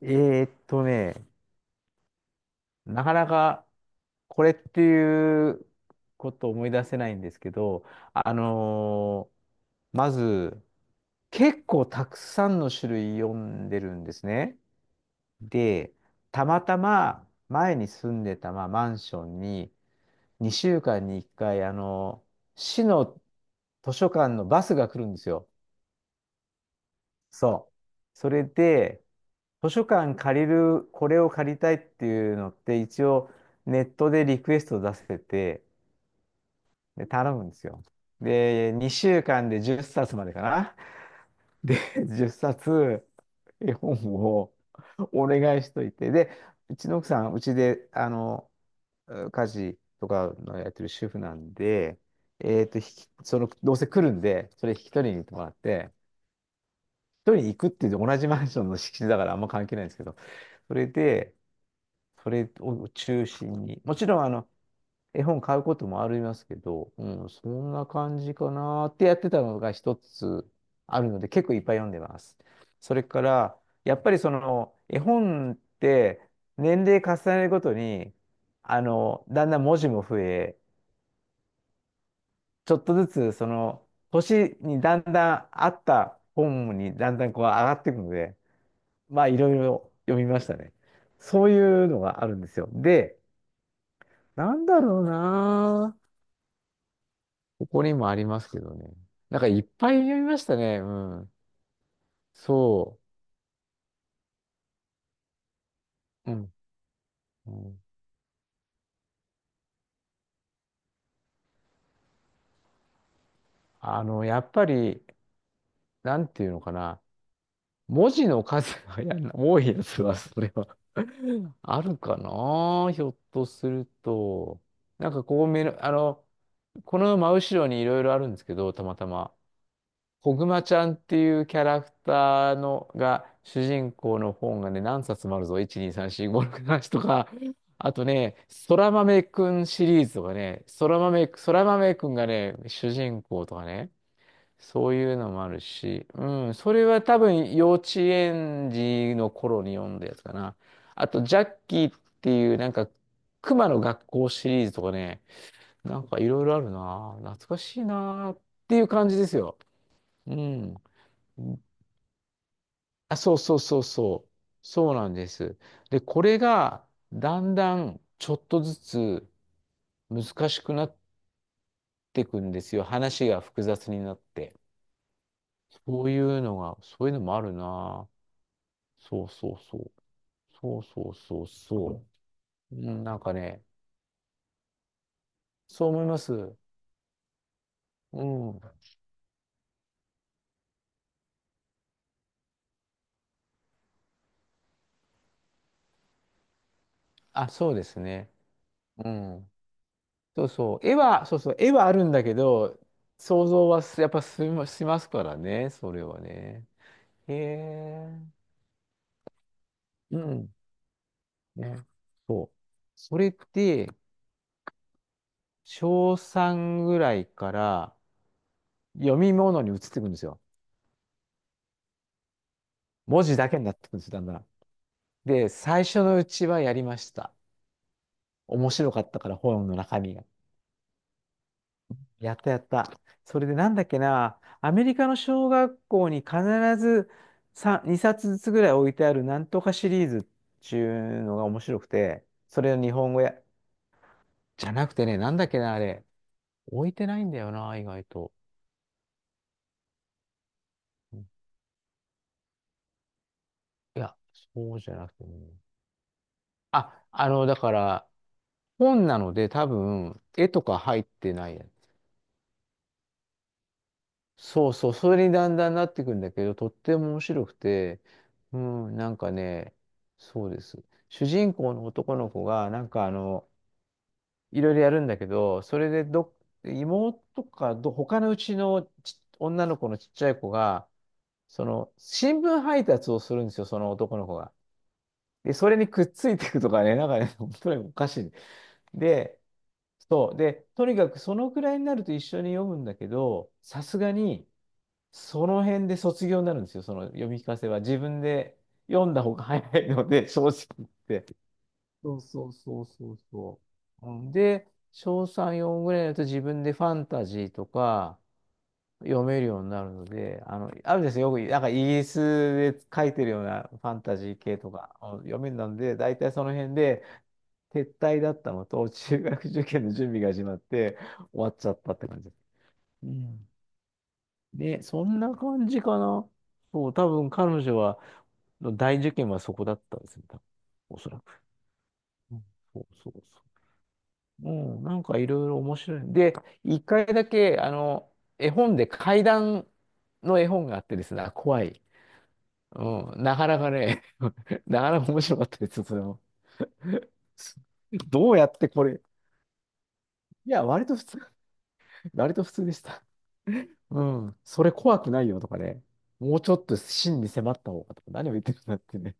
えーっとね、なかなかこれっていうことを思い出せないんですけど、あのーまず、結構たくさんの種類読んでるんですね。で、たまたま前に住んでた、まあ、マンションに2週間に1回、市の図書館のバスが来るんですよ。そう。それで、図書館借りる、これを借りたいっていうのって、一応ネットでリクエスト出せて、で、頼むんですよ。で、2週間で10冊までかな。で、10冊絵本をお願いしといて、で、うちの奥さん、うちで、家事とかのやってる主婦なんで、えっと、引きその、どうせ来るんで、それ引き取りに行ってもらって、一人で行くっていう同じマンションの敷地だからあんま関係ないんですけど、それで、それを中心に、もちろん絵本買うこともありますけど、うん、そんな感じかなってやってたのが一つあるので、結構いっぱい読んでます。それから、やっぱり絵本って年齢重ねるごとに、だんだん文字も増え、ちょっとずつ年にだんだんあった本にだんだんこう上がっていくので、まあ、いろいろ読みましたね。そういうのがあるんですよ。で、なんだろうなぁ。ここにもありますけどね。なんかいっぱい読みましたね。うん。そう。うん。うん。やっぱり、なんていうのかな。文字の数が多いやつは、それはあるかな。ひょっとすると。なんかこう目の、あの、この真後ろにいろいろあるんですけど、たまたま。こぐまちゃんっていうキャラクターのが主人公の本がね、何冊もあるぞ。1、2、3、4、5、6、7とか。あとね、そら豆くんシリーズとかね、そら豆くんがね、主人公とかね、そういうのもあるし、うん、それは多分幼稚園児の頃に読んだやつかな。あと、ジャッキーっていう熊の学校シリーズとかね、なんかいろいろあるな。懐かしいなっていう感じですよ。うん。あ、そうそうそうそう。そうなんです。で、これがだんだんちょっとずつ難しくなっていくんですよ。話が複雑になって。そういうのが、そういうのもあるな。そうそうそう。そうそうそうそう。うん、なんかね、そう思います。うん。あ、そうですね。うん。そうそう。そうそう。絵はあるんだけど、想像はすやっぱしましますからね。それはね。へえ。うん。ね。そう。それって、小3ぐらいから読み物に移っていくんですよ。文字だけになっていくんですよ、だんだん。で、最初のうちはやりました。面白かったから、本の中身が。やったやった。それでなんだっけな、アメリカの小学校に必ず2冊ずつぐらい置いてあるなんとかシリーズっていうのが面白くて、それの日本語や、じゃなくてね、なんだっけな、あれ。置いてないんだよな、意外と。いや、そうじゃなくても。あ、だから、本なので多分、絵とか入ってないやつ。そうそう、それにだんだんなってくんだけど、とっても面白くて、うん、なんかね、そうです。主人公の男の子が、いろいろやるんだけど、それでど、妹かど、他のうちの女の子のちっちゃい子が、その、新聞配達をするんですよ、その男の子が。で、それにくっついていくとかね、なんかね、本当におかしい。で、そう。で、とにかくそのくらいになると一緒に読むんだけど、さすがに、その辺で卒業になるんですよ、その読み聞かせは。自分で読んだ方が早いので、正直言って。そうそうそうそうそう。うん。で、小3、4ぐらいになると自分でファンタジーとか、読めるようになるので、あるですよ、よく、なんかイギリスで書いてるようなファンタジー系とか、読めるので、大体その辺で撤退だったのと、中学受験の準備が始まって、終わっちゃったって感じです。うん。で、そんな感じかな。そう、多分彼女は、大受験はそこだったんですよ、多分おそらく。うん、そうそうそう。うん、なんかいろいろ面白い。で、一回だけ、絵本で怪談の絵本があってですね、怖い。うん、なかなかね、なかなか面白かったですよ、それも。どうやってこれ、いや、割と普通でした。うん、それ怖くないよとかね、もうちょっと真に迫った方がとか、何を言ってるんだってね。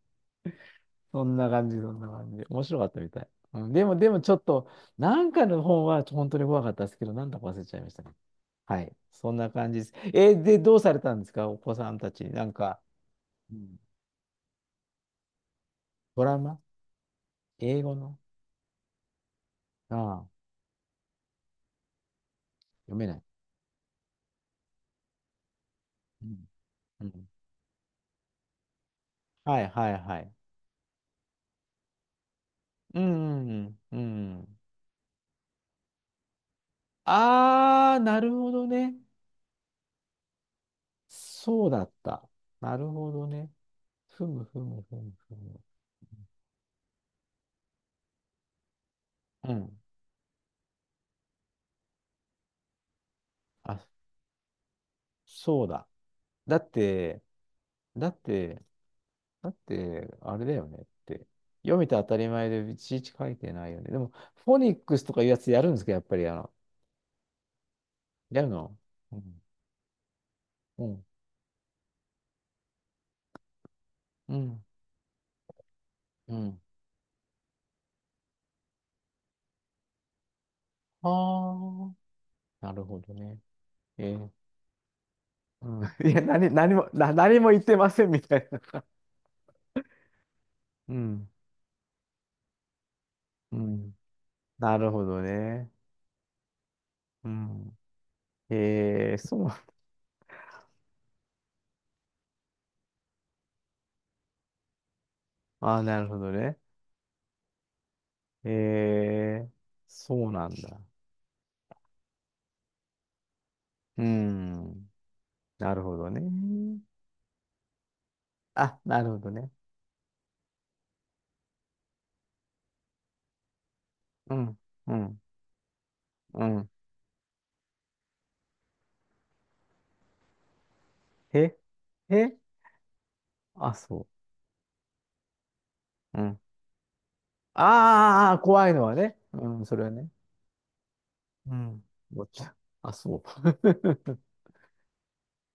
そんな感じ、そんな感じ。面白かったみたい。うん、でも、ちょっと、なんかの本は本当に怖かったですけど、なんだか忘れちゃいましたね。はい。そんな感じです。で、どうされたんですか、お子さんたち。なんか、うん、ドラマ英語のああ、読めない。うん。うん。はいはいはい。うんうんうん。うん。なるほどね。そうだった。なるほどね。ふむふむふむふむ。うん。あ、そうだ。だって、だって、だって、あれだよねって。読めて当たり前でいちいち書いてないよね。でも、フォニックスとかいうやつやるんですか、やっぱり、やるの。うん。うん。うん。うん。ああ、なるほどね。えーうん、いや、何も言ってませんみたいな。うん、うん。なるほどね。うん。えー、そう。ああ、なるほどね。えー、そうなんだ。うん。なるほどね。あ、なるほどね。うん、うん、うん。え、え、あ、そう。うん。ああ、怖いのはね。うん、それはね。うん。もちろん。あ、そう。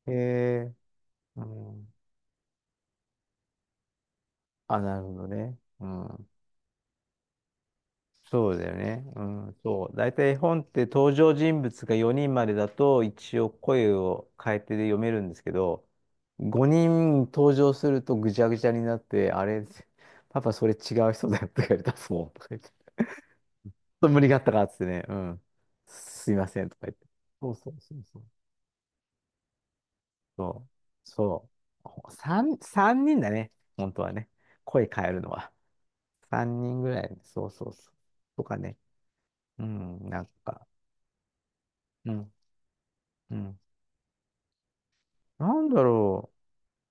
えー、うん。あ、なるほどね。うん。そうだよね。うん、そう。大体絵本って登場人物が4人までだと一応声を変えてで読めるんですけど、5人登場するとぐちゃぐちゃになって、あれ、パパそれ違う人だよとか言われたすもんとか言って、ちょっと無理があったからっつってね、うん。すいませんとか言って。そうそうそうそう。そう。そう。3、三人だね。本当はね。声変えるのは。3人ぐらい。そうそうそう。とかね。うん、なんか。うん。うん。なんだろう。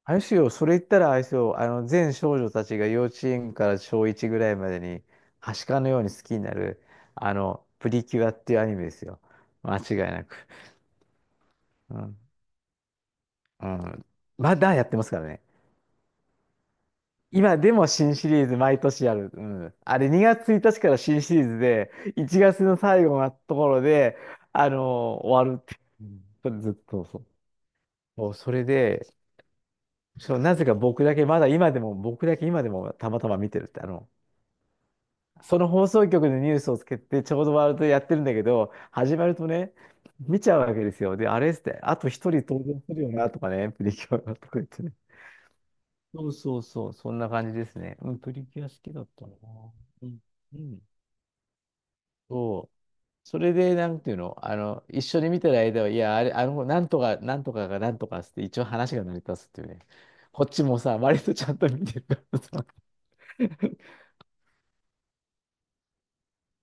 あれですよ、それ言ったらあれですよ、全少女たちが幼稚園から小1ぐらいまでに、はしかのように好きになる、プリキュアっていうアニメですよ。間違いなく。うん。うん。まだやってますからね。今でも新シリーズ毎年やる。うん。あれ2月1日から新シリーズで、1月の最後のところで、あの終わるって。うん。それずっとそう。そう、それで、そう、なぜか僕だけ今でもたまたま見てるって、その放送局でニュースをつけて、ちょうどワールドやってるんだけど、始まるとね、見ちゃうわけですよ。で、あれっつって、あと一人登場するよな、とかね、プリキュアがとか言ってね。そうそうそう、そんな感じですね。うん、プリキュア好きだったな。うん。うん。そう。それで、なんていうの、一緒に見てる間は、いや、あれ、なんとか、なんとかがなんとかっつって、一応話が成り立つっていうね。こっちもさ、割とちゃんと見てるからさ。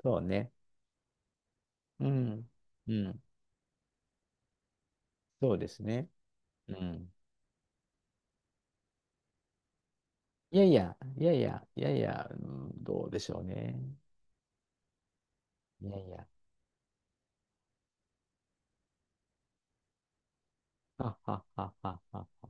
そうね。うん。うん。そうですね。うん。いやいや、いやいや、いやいや、うん。どうでしょうね。いやいや、ははははは。